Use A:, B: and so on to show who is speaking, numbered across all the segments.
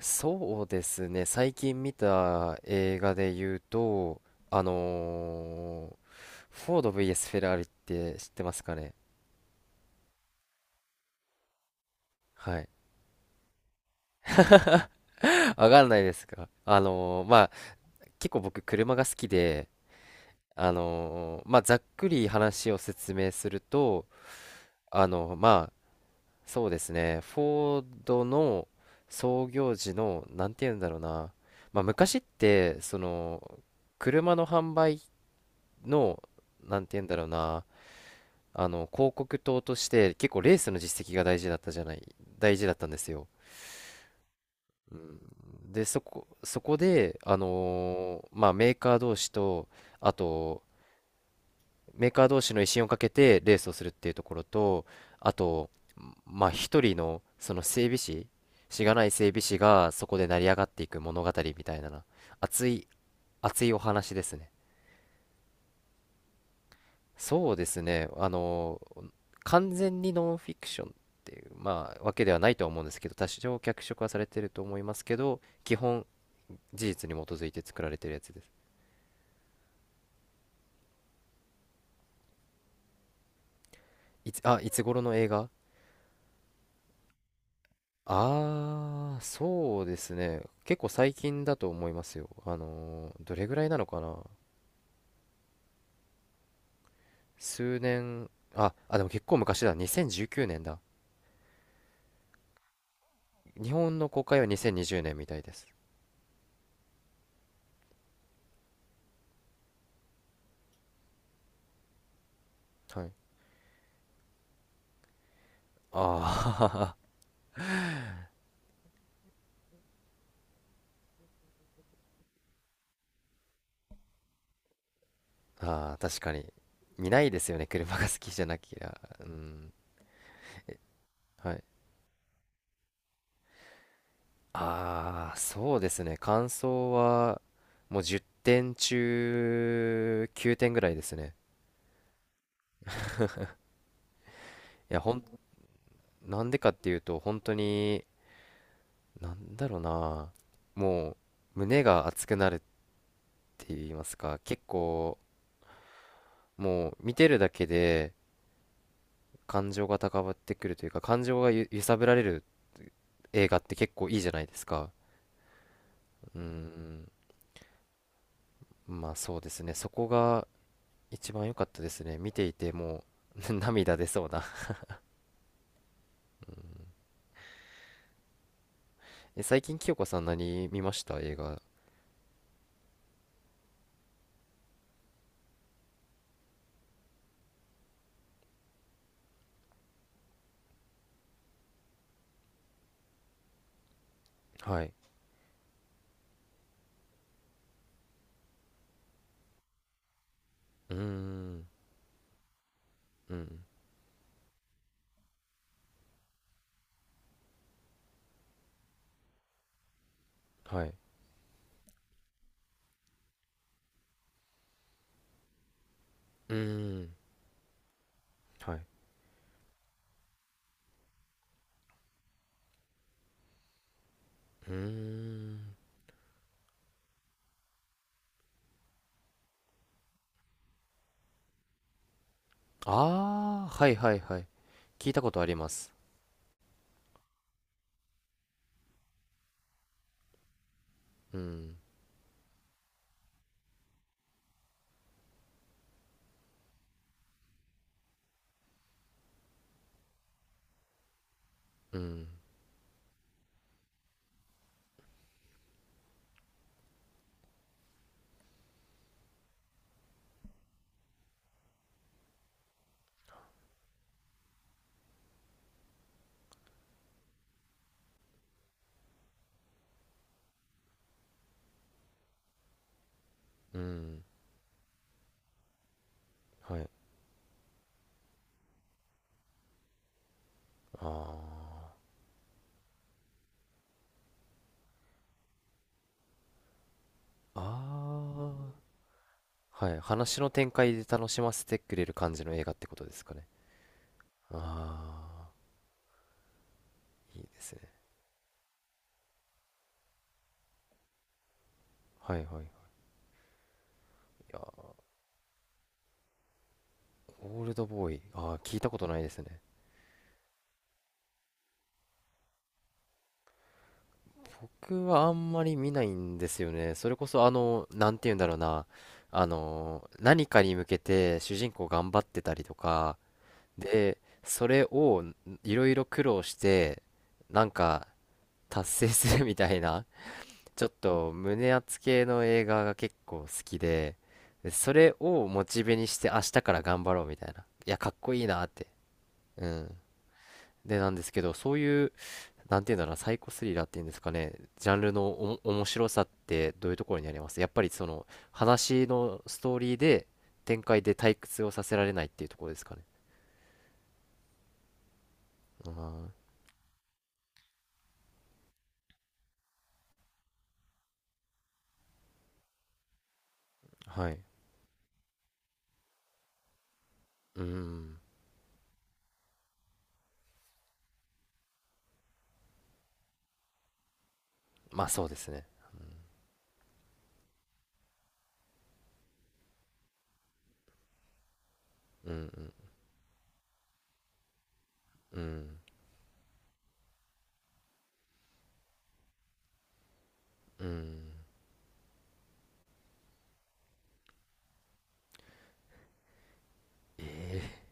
A: そうですね。最近見た映画で言うと、あのーフォード VS フェラーリって知ってますかね？はい。わかんないですか？まあ、結構僕車が好きで、まあ、ざっくり話を説明すると、まあ、そうですね。フォードの創業時の、なんて言うんだろうな。まあ、昔って、その、車の販売の、なんて言うんだろうな。あの広告塔として結構レースの実績が大事だったんですよ。うん。でそこで、まあ、メーカー同士とあとメーカー同士の威信をかけてレースをするっていうところとあと、まあ、一人のその整備士、しがない整備士がそこで成り上がっていく物語みたいな、熱い熱いお話ですね。そうですね。完全にノンフィクションっていう、まあ、わけではないとは思うんですけど、多少脚色はされてると思いますけど、基本、事実に基づいて作られてるやつです。いつ頃の映画？ああー、そうですね。結構最近だと思いますよ。どれぐらいなのかな？数年、でも結構昔だ。2019年だ。日本の公開は2020年みたいです。はい。ああ。 ああ、確かに。見ないですよね、車が好きじゃなきゃ。うん。はい。ああ、そうですね。感想は、もう10点中9点ぐらいですね。いや、なんでかっていうと、本当に、なんだろうな。もう、胸が熱くなるって言いますか、結構、もう、見てるだけで、感情が高ぶってくるというか、感情が揺さぶられる映画って結構いいじゃないですか。うん。まあそうですね。そこが一番良かったですね。見ていてもう。 涙出そうな。 え、最近清子さん何見ました映画？はい。うーん。うん。はい。うーん。はい。うーん。ああ、はいはいはい。聞いたことあります。うん。うん。うん。はい。ああ。ああ。はい。話の展開で楽しませてくれる感じの映画ってことですかね？ああ。いいですね。はいはい。オールドボーイ。ああ、聞いたことないですね。僕はあんまり見ないんですよね。それこそ、なんて言うんだろうな。何かに向けて主人公頑張ってたりとか、で、それをいろいろ苦労して、なんか達成するみたいな、ちょっと胸熱系の映画が結構好きで、でそれをモチベにして明日から頑張ろうみたいな。いや、かっこいいなって。うん。で、なんですけど、そういう、なんていうんだろうな、サイコスリラーっていうんですかね、ジャンルの面白さってどういうところにあります？やっぱりその話のストーリーで展開で退屈をさせられないっていうところですかね？あー。はい。うん。まあそうですね。うん。うん。うん。うん。え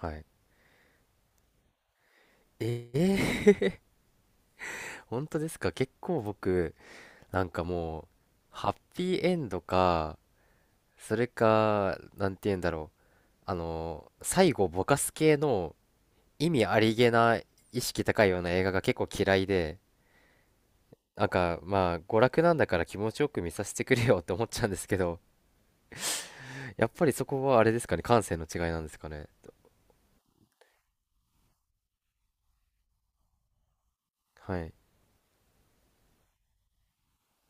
A: ー、はい。ええ。本当ですか？結構僕なんか、もうハッピーエンドか、それかなんて言うんだろう、あの最後ぼかす系の意味ありげな意識高いような映画が結構嫌いで、なんかまあ娯楽なんだから気持ちよく見させてくれよって思っちゃうんですけど、やっぱりそこはあれですかね、感性の違いなんですかね？はい。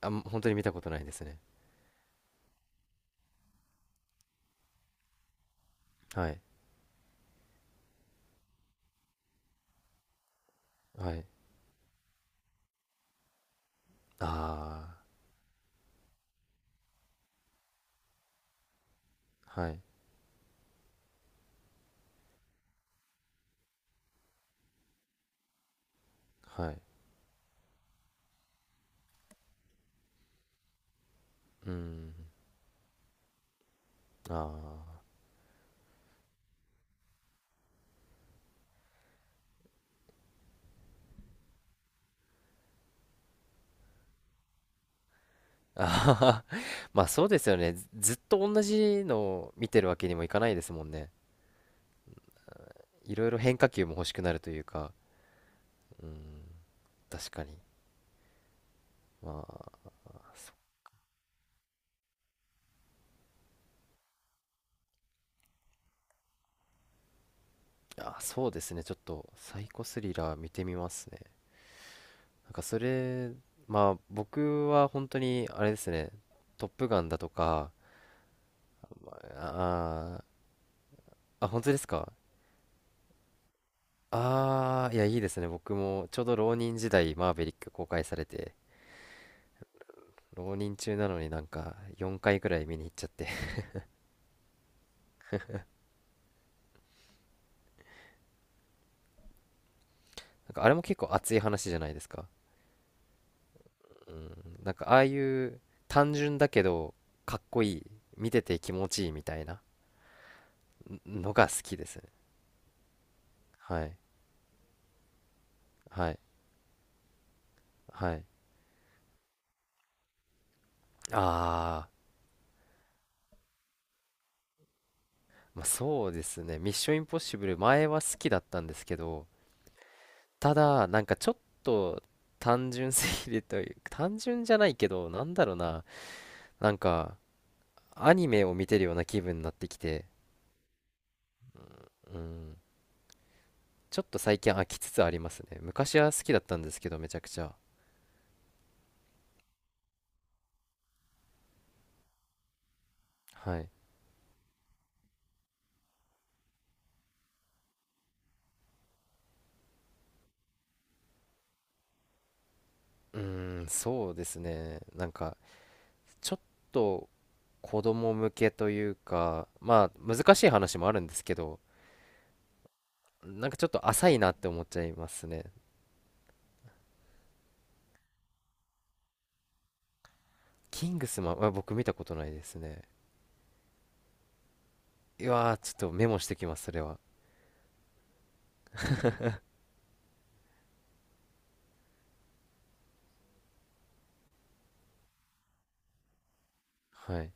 A: あ、もう本当に見たことないですね。はい。はい。ああ。はい。はい。うん。ああ。あはは。まあそうですよね。ずっと同じのを見てるわけにもいかないですもんね。いろいろ変化球も欲しくなるというか。うん。確かに。まあ。あ、そうですね。ちょっとサイコスリラー見てみますね。なんかそれ、まあ僕は本当にあれですね。トップガンだとか、あーあ、本当ですか？ああ、いや、いいですね。僕もちょうど浪人時代、マーヴェリック公開されて、浪人中なのになんか4回くらい見に行っちゃって。 なんかあれも結構熱い話じゃないですか。うん。なんかああいう単純だけどかっこいい、見てて気持ちいいみたいなのが好きですね。はい。はい。はい。あー、まあ、そうですね。ミッションインポッシブル前は好きだったんですけど、ただ、なんかちょっと単純すぎるという、単純じゃないけど、なんだろうな。なんか、アニメを見てるような気分になってきて、うん、ちょっと最近飽きつつありますね。昔は好きだったんですけど、めちゃくちゃ。はい。うーん、そうですね。なんか、ちょっと子供向けというか、まあ、難しい話もあるんですけど、なんかちょっと浅いなって思っちゃいますね。キングスマンは僕見たことないですね。うわー、ちょっとメモしてきます、それは。はい。